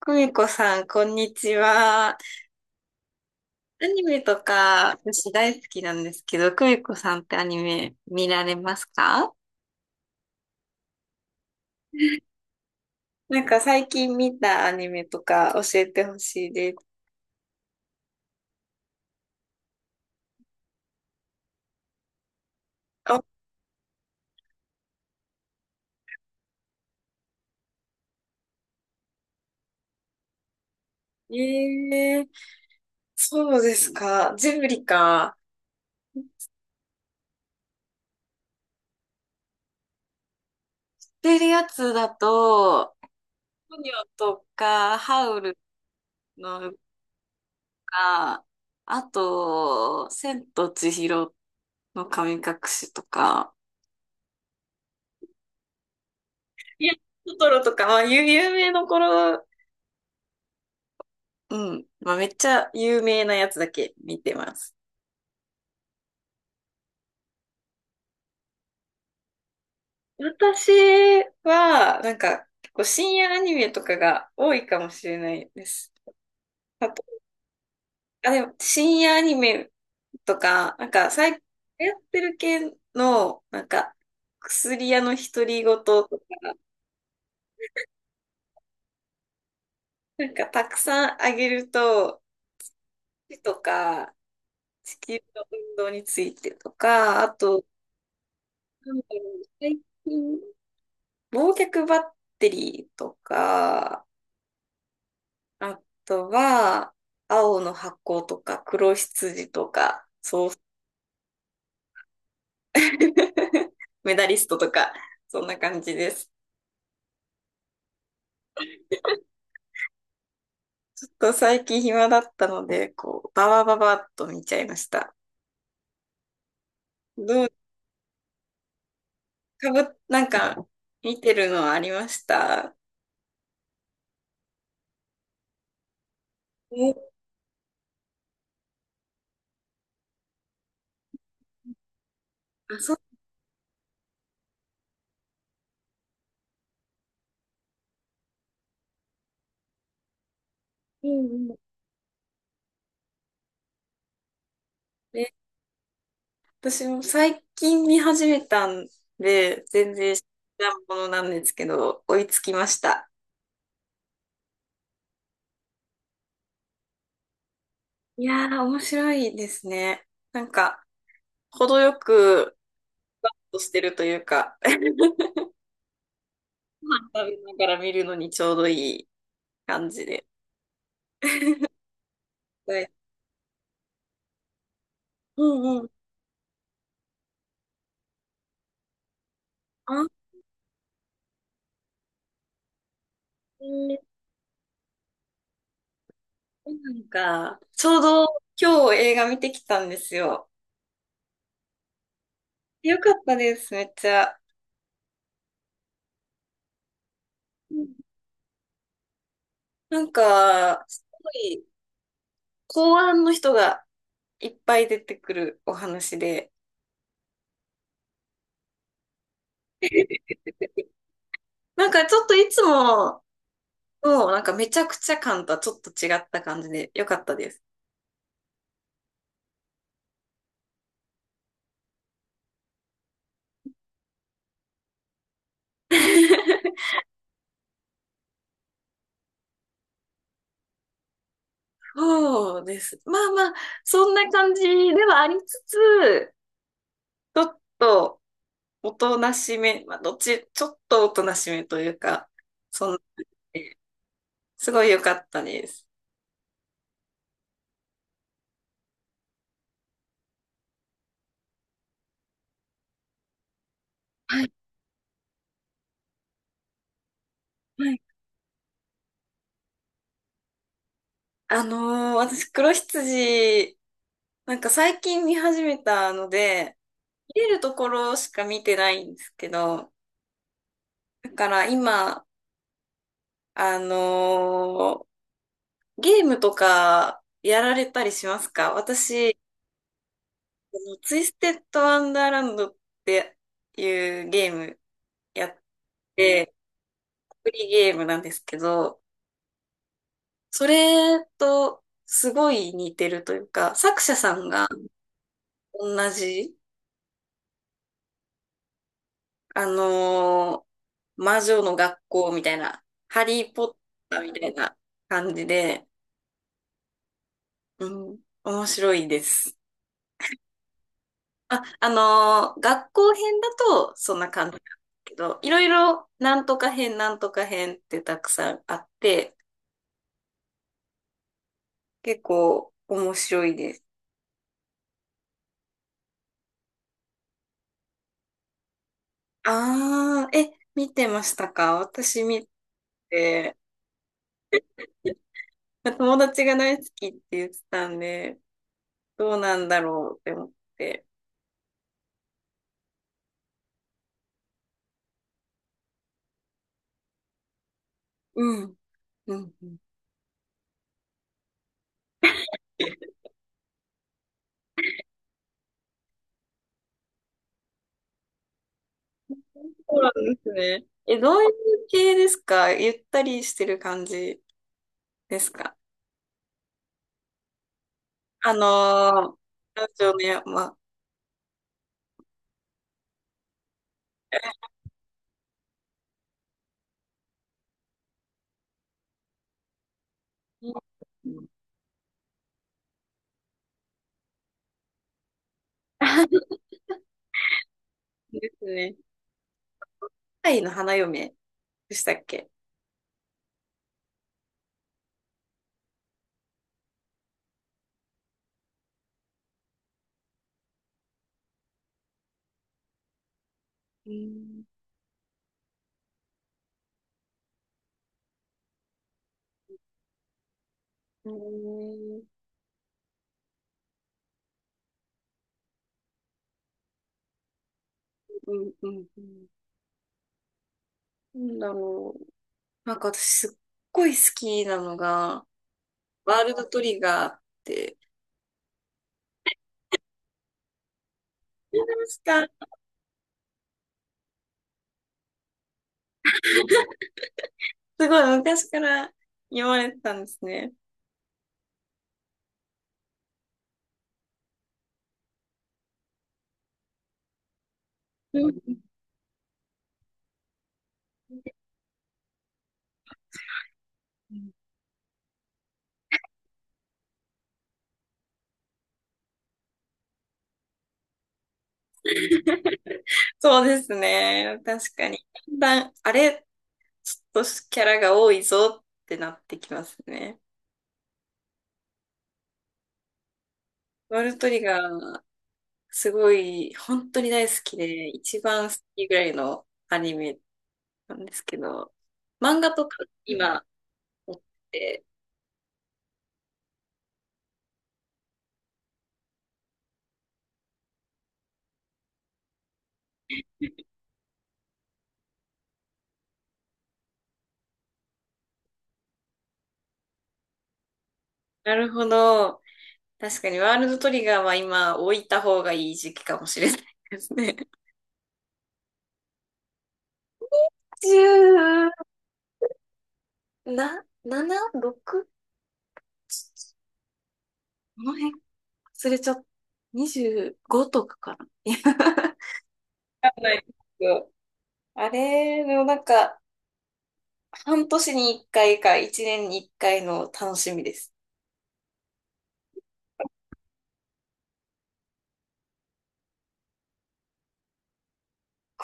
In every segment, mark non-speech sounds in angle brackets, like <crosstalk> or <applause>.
久美子さん、こんにちは。アニメとか、私大好きなんですけど、久美子さんってアニメ見られますか？なんか最近見たアニメとか教えてほしいです。あ、ええ、そうですか。ジブリか。言ってるやつだと、ポニョとか、ハウルのか、あと、千と千尋の神隠しとか、いや、トトロとか、まあ、有名どころ、うん。まあ、めっちゃ有名なやつだけ見てます。私は、なんか、結構深夜アニメとかが多いかもしれないです。あと、あ、でも、深夜アニメとか、なんか、最近流行ってる系の、なんか、薬屋の独り言とか、なんか、たくさんあげると、手とか、地球の運動についてとか、あと、なんだろう、最近、忘却バッテリーとか、あとは、青の箱とか、黒羊とか、そう、<laughs> メダリストとか、そんな感じです。ちょっと最近暇だったので、こう、ババババッと見ちゃいました。どう、かぶ、なんか、見てるのありました？お、あ、そう、うんうん。で、私も最近見始めたんで、全然知らんものなんですけど、追いつきました。いやー、面白いですね。なんか、程よく、としてるというか、<laughs> ご飯食べながら見るのにちょうどいい感じで。はい。うんうん。あ、えーなんか、ちょうど今日映画見てきたんですよ。よかったです、めっちゃ。うん、なんか、すごい、公安の人がいっぱい出てくるお話で、<laughs> なんかちょっといつもの、なんかめちゃくちゃ感とはちょっと違った感じでよかったです。そうです。まあまあ、そんな感じではありつつ、ちょっとおとなしめ、まあ、どっち、ちょっとおとなしめというか、そんな、すごい良かったです。はい、はい。あの私、黒羊、なんか最近見始めたので、見れるところしか見てないんですけど、だから今、あのーゲームとかやられたりしますか？私、のツイステッドワンダーランドっていうゲームやって、アプリーゲームなんですけど、それとすごい似てるというか、作者さんが同じ、あのー魔女の学校みたいな、ハリーポッターみたいな感じで、うん、面白いです。あ、学校編だとそんな感じなんですけど、いろいろなんとか編、なんとか編ってたくさんあって、結構面白いです。ああ、え、見てましたか？私見て、友達が大好きって言ってたんで、どうなんだろうって思って。うん。うん。そうなんですね。え、どういう系ですか？ゆったりしてる感じですか？あのラジオの山。うん、 <laughs> ですね。愛の花嫁でしたっけ？うん。うん。うん。うん。うん、なんだろう。なんか私すっごい好きなのが、ワールドトリガーって、出ました。すごい昔から言われてたんですね。うん、そうですね。確かに。だんだん、あれ、ちょっとキャラが多いぞってなってきますね。ワールドトリガー、すごい、本当に大好きで、一番好きぐらいのアニメなんですけど、漫画とか今、持ってて、なるほど。確かにワールドトリガーは今置いた方がいい時期かもしれないですね。10な、7、6？ この辺忘れちゃった。25とかかな。いや、わかんないですよ。あれのなんか、半年に一回か一年に一回の楽しみです。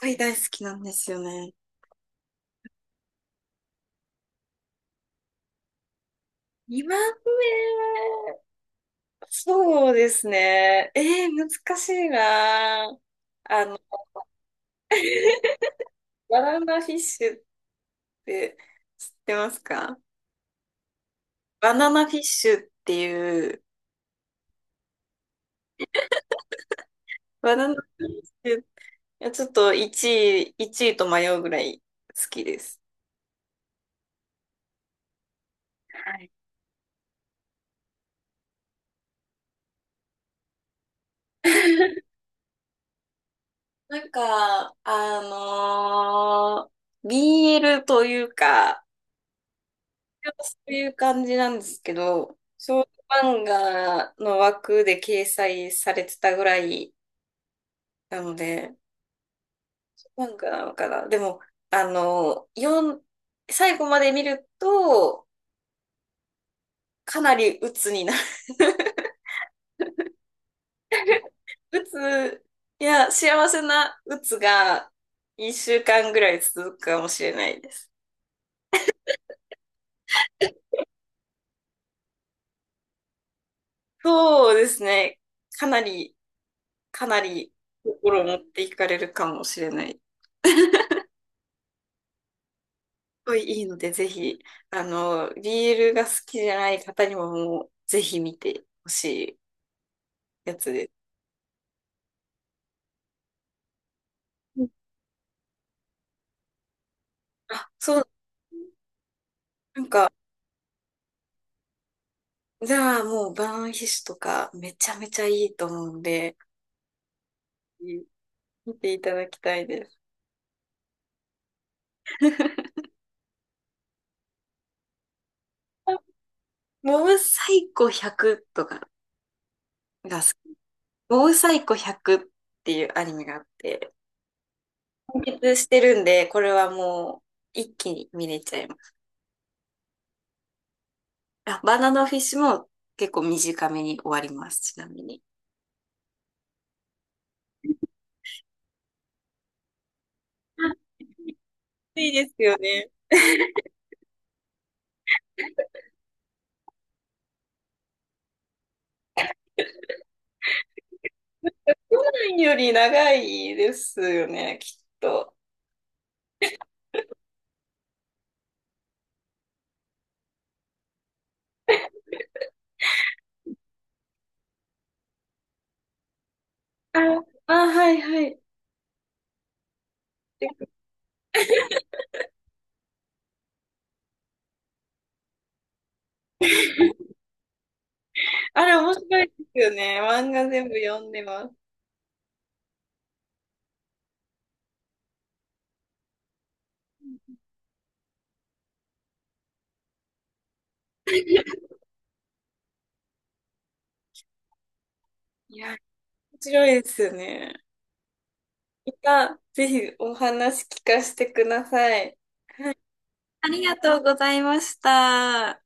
恋大好きなんですよね。2番目、そうですね。難しいな。あの、バナナフィッシュっって知ってますか？バナナフィッシュっていう、バナナフィッシュ、いやちょっと1位、1位と迷うぐらい好きです。はい。<laughs> なんか、BL というか、そういう感じなんですけど、少女漫画の枠で掲載されてたぐらいなので、漫画なのかな。でも、あの、最後まで見ると、かなり鬱になる。鬱、いや、幸せな鬱が一週間ぐらい続くかもしれないです。そうですね。かなり、かなり心を持っていかれるかもしれない。すごいいいので、ぜひ、あの、ビールが好きじゃない方にももう、ぜひ見てほしいやつです。うん、あ、そう、なんか、じゃあもう、バーンヒシュとか、めちゃめちゃいいと思うんで、見ていただきたいです。モブサイコ100とかが好き。モブサイコ100っていうアニメがあって、完結してるんで、これはもう一気に見れちゃいます。あ、バナナフィッシュも結構短めに終わります、ちなみに。暑いですよね。1より長いですよね、きっと。あ、あ、はいはい。で、あれ面白いですよね。漫画全部読んでます。いや、面白いですよね。また、ぜひお話聞かせてください。ありがとうございました。